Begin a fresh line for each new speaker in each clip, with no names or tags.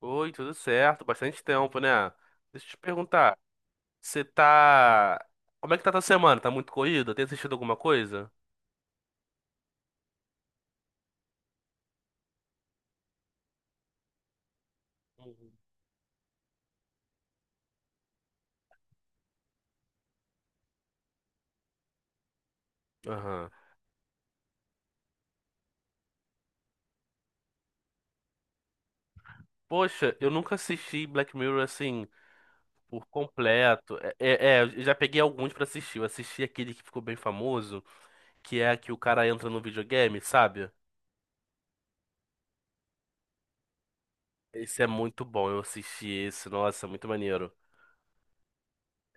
Oi, tudo certo? Bastante tempo, né? Deixa eu te perguntar, você tá... Como é que tá tua semana? Tá muito corrida? Tem assistido alguma coisa? Uhum. Aham. Poxa, eu nunca assisti Black Mirror assim, por completo. Eu já peguei alguns pra assistir. Eu assisti aquele que ficou bem famoso, que é a que o cara entra no videogame, sabe? Esse é muito bom, eu assisti esse, nossa, muito maneiro.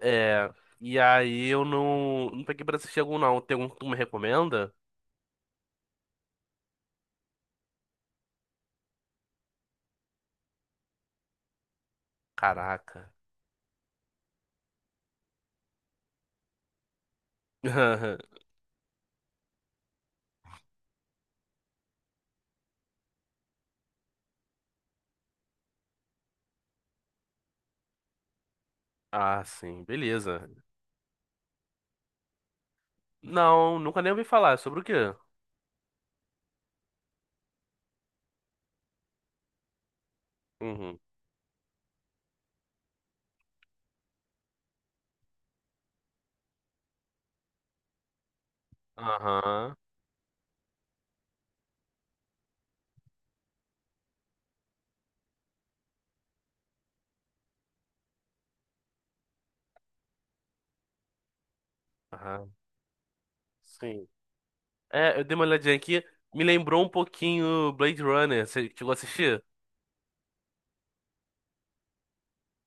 É, e aí eu não peguei pra assistir algum não. Tem algum que tu me recomenda? Caraca. Ah, sim, beleza. Não, nunca nem ouvi falar. Sobre o quê? Uhum. Aham. Aham. Sim. É, eu dei uma olhadinha aqui. Me lembrou um pouquinho Blade Runner. Você chegou a assistir?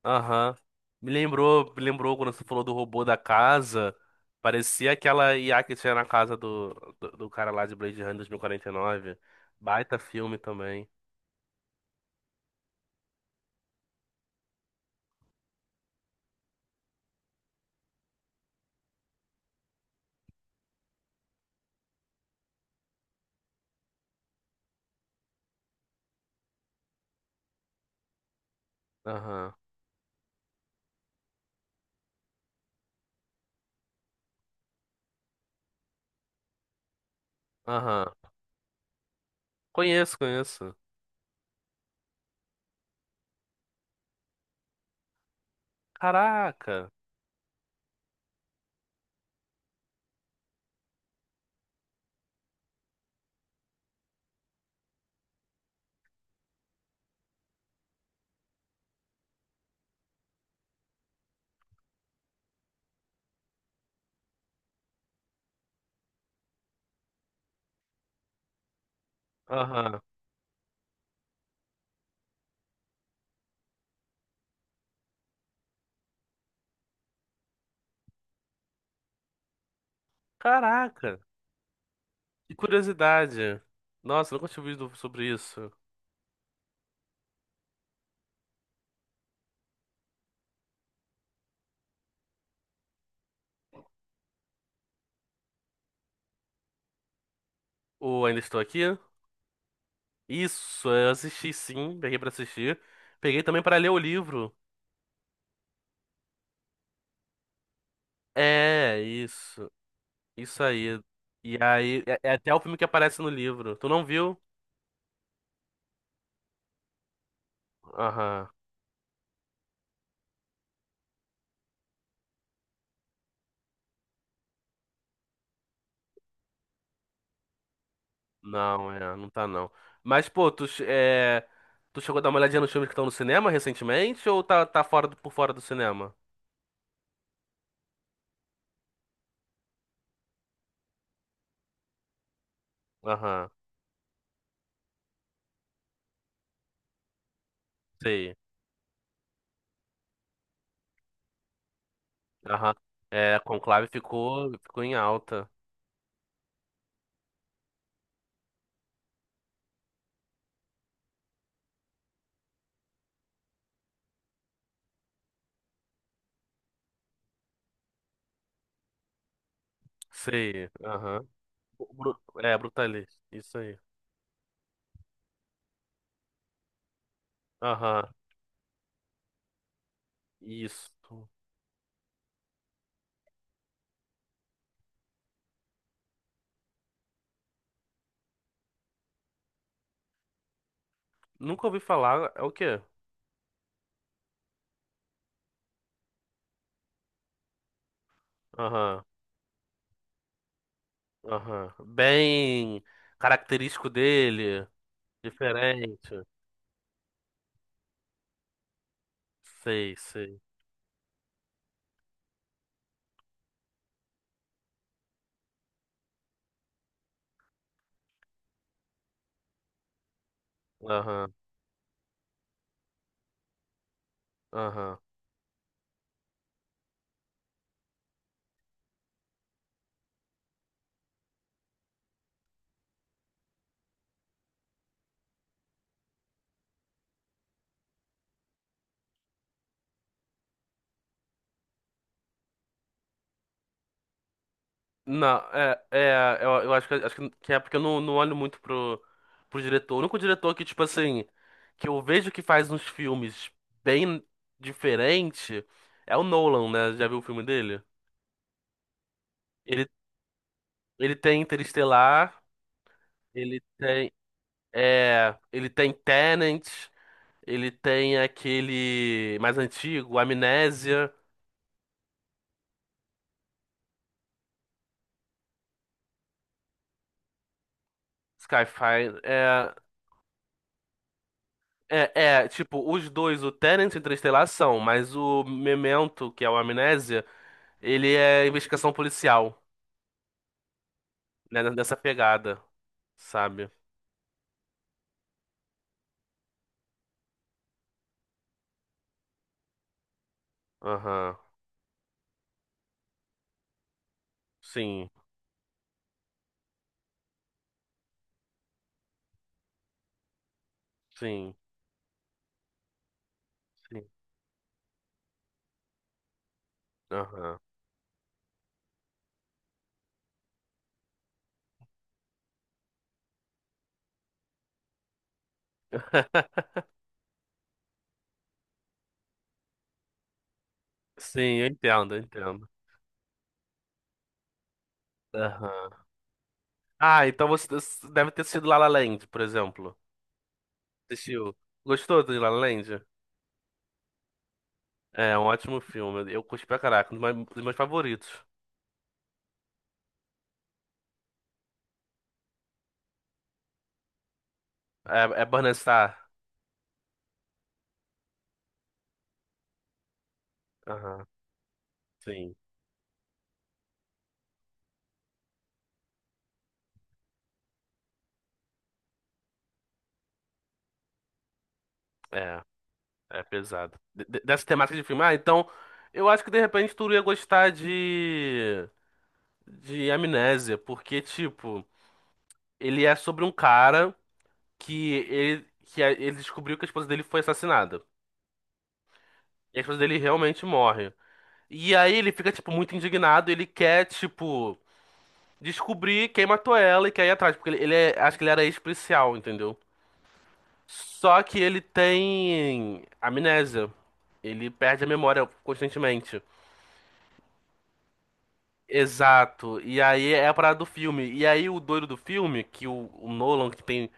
Aham. Me lembrou quando você falou do robô da casa. Parecia aquela IA que tinha na casa do cara lá de Blade Runner 2049. Baita filme também. Aham. Aham. Conheço, conheço. Caraca. Aham. Caraca. E curiosidade. Nossa, nunca tinha ouvido sobre isso. Ou Ainda Estou Aqui? Isso, eu assisti sim, peguei pra assistir. Peguei também pra ler o livro. É, isso. Isso aí. E aí, é, é até o filme que aparece no livro. Tu não viu? Aham. Não, é, não tá não. Mas, pô, tu, é, tu chegou a dar uma olhadinha nos filmes que estão no cinema recentemente ou tá, por fora do cinema? Aham, sei. Aham. É, Conclave ficou, ficou em alta. Sei. Aham. É, Brutalist. Isso aí. Aham. Isso. Nunca ouvi falar. É o quê? Aham. Aham. Bem característico dele. Diferente. Sei, sei. Aham. Aham. Não, é, é, eu acho que, acho que é porque eu não olho muito pro, pro diretor. O único diretor que, tipo assim, que eu vejo que faz uns filmes bem diferente é o Nolan, né? Já viu o filme dele? Ele, ele tem Interestelar. Ele tem, é, ele tem Tenant, ele tem aquele mais antigo, Amnésia, Skyfire. É, tipo, os dois, o Tenant e Interestelar são, mas o Memento, que é o Amnésia, ele é investigação policial, né, nessa pegada, sabe? Aham. Sim, sim, sim. Aham. Sim, eu entendo, eu entendo. Aham. Ah, então você deve ter sido La La Land, por exemplo. Assistiu. Gostou do La La Land? É um ótimo filme. Eu curti pra caraca, um dos meus favoritos. É, é Burning Star. Aham, sim. É, é pesado. Dessa temática de filme. Ah, então, eu acho que de repente tu ia gostar de. De Amnésia, porque, tipo, ele é sobre um cara que ele descobriu que a esposa dele foi assassinada. E a esposa dele realmente morre. E aí ele fica, tipo, muito indignado. Ele quer, tipo. Descobrir quem matou ela e quer ir atrás, porque ele é, acho que ele era ex-policial, entendeu? Só que ele tem amnésia. Ele perde a memória constantemente. Exato. E aí é a parada do filme. E aí o doido do filme, que o Nolan, que tem,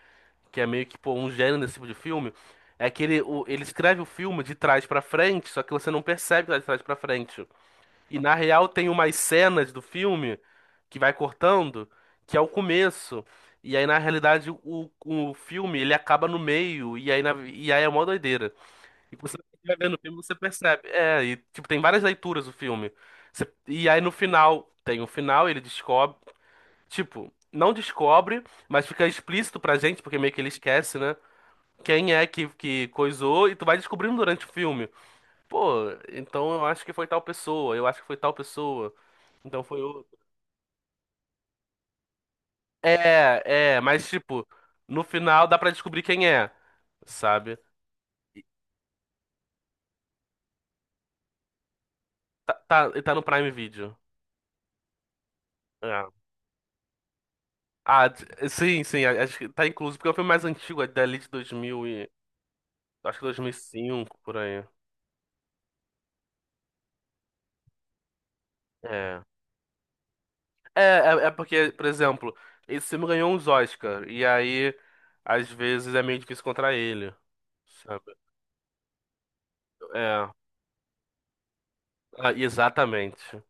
que é meio que pô, um gênio desse tipo de filme, é que ele, ele escreve o filme de trás pra frente, só que você não percebe que tá de trás pra frente. E na real tem umas cenas do filme que vai cortando, que é o começo. E aí, na realidade, o filme ele acaba no meio, e aí, e aí é uma doideira. E você vai vendo o filme, você percebe. É, e tipo, tem várias leituras o filme. E aí no final, tem o final, ele descobre. Tipo, não descobre, mas fica explícito pra gente, porque meio que ele esquece, né? Quem é que coisou, e tu vai descobrindo durante o filme. Pô, então eu acho que foi tal pessoa, eu acho que foi tal pessoa. Então foi o. Mas tipo, no final dá pra descobrir quem é, sabe? E Tá, tá, e tá no Prime Video. É. Sim, sim, acho que tá incluso, porque é um filme mais antigo, é dali de 2000 e... Acho que 2005, por aí. É. É, é porque, por exemplo, esse filme ganhou uns Oscar, e aí, às vezes, é meio difícil encontrar ele, sabe? É, ah, exatamente.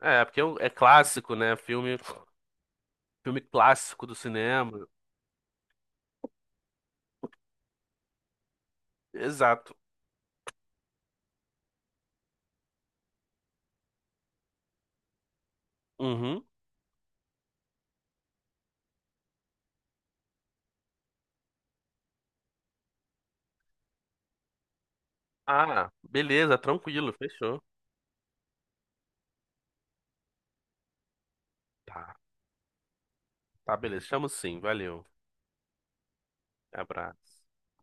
É, porque é é clássico, né? Filme, filme clássico do cinema. Exato. Uhum. Ah, beleza, tranquilo, fechou. Tá, tá, beleza. Chamo sim, valeu. Abraço.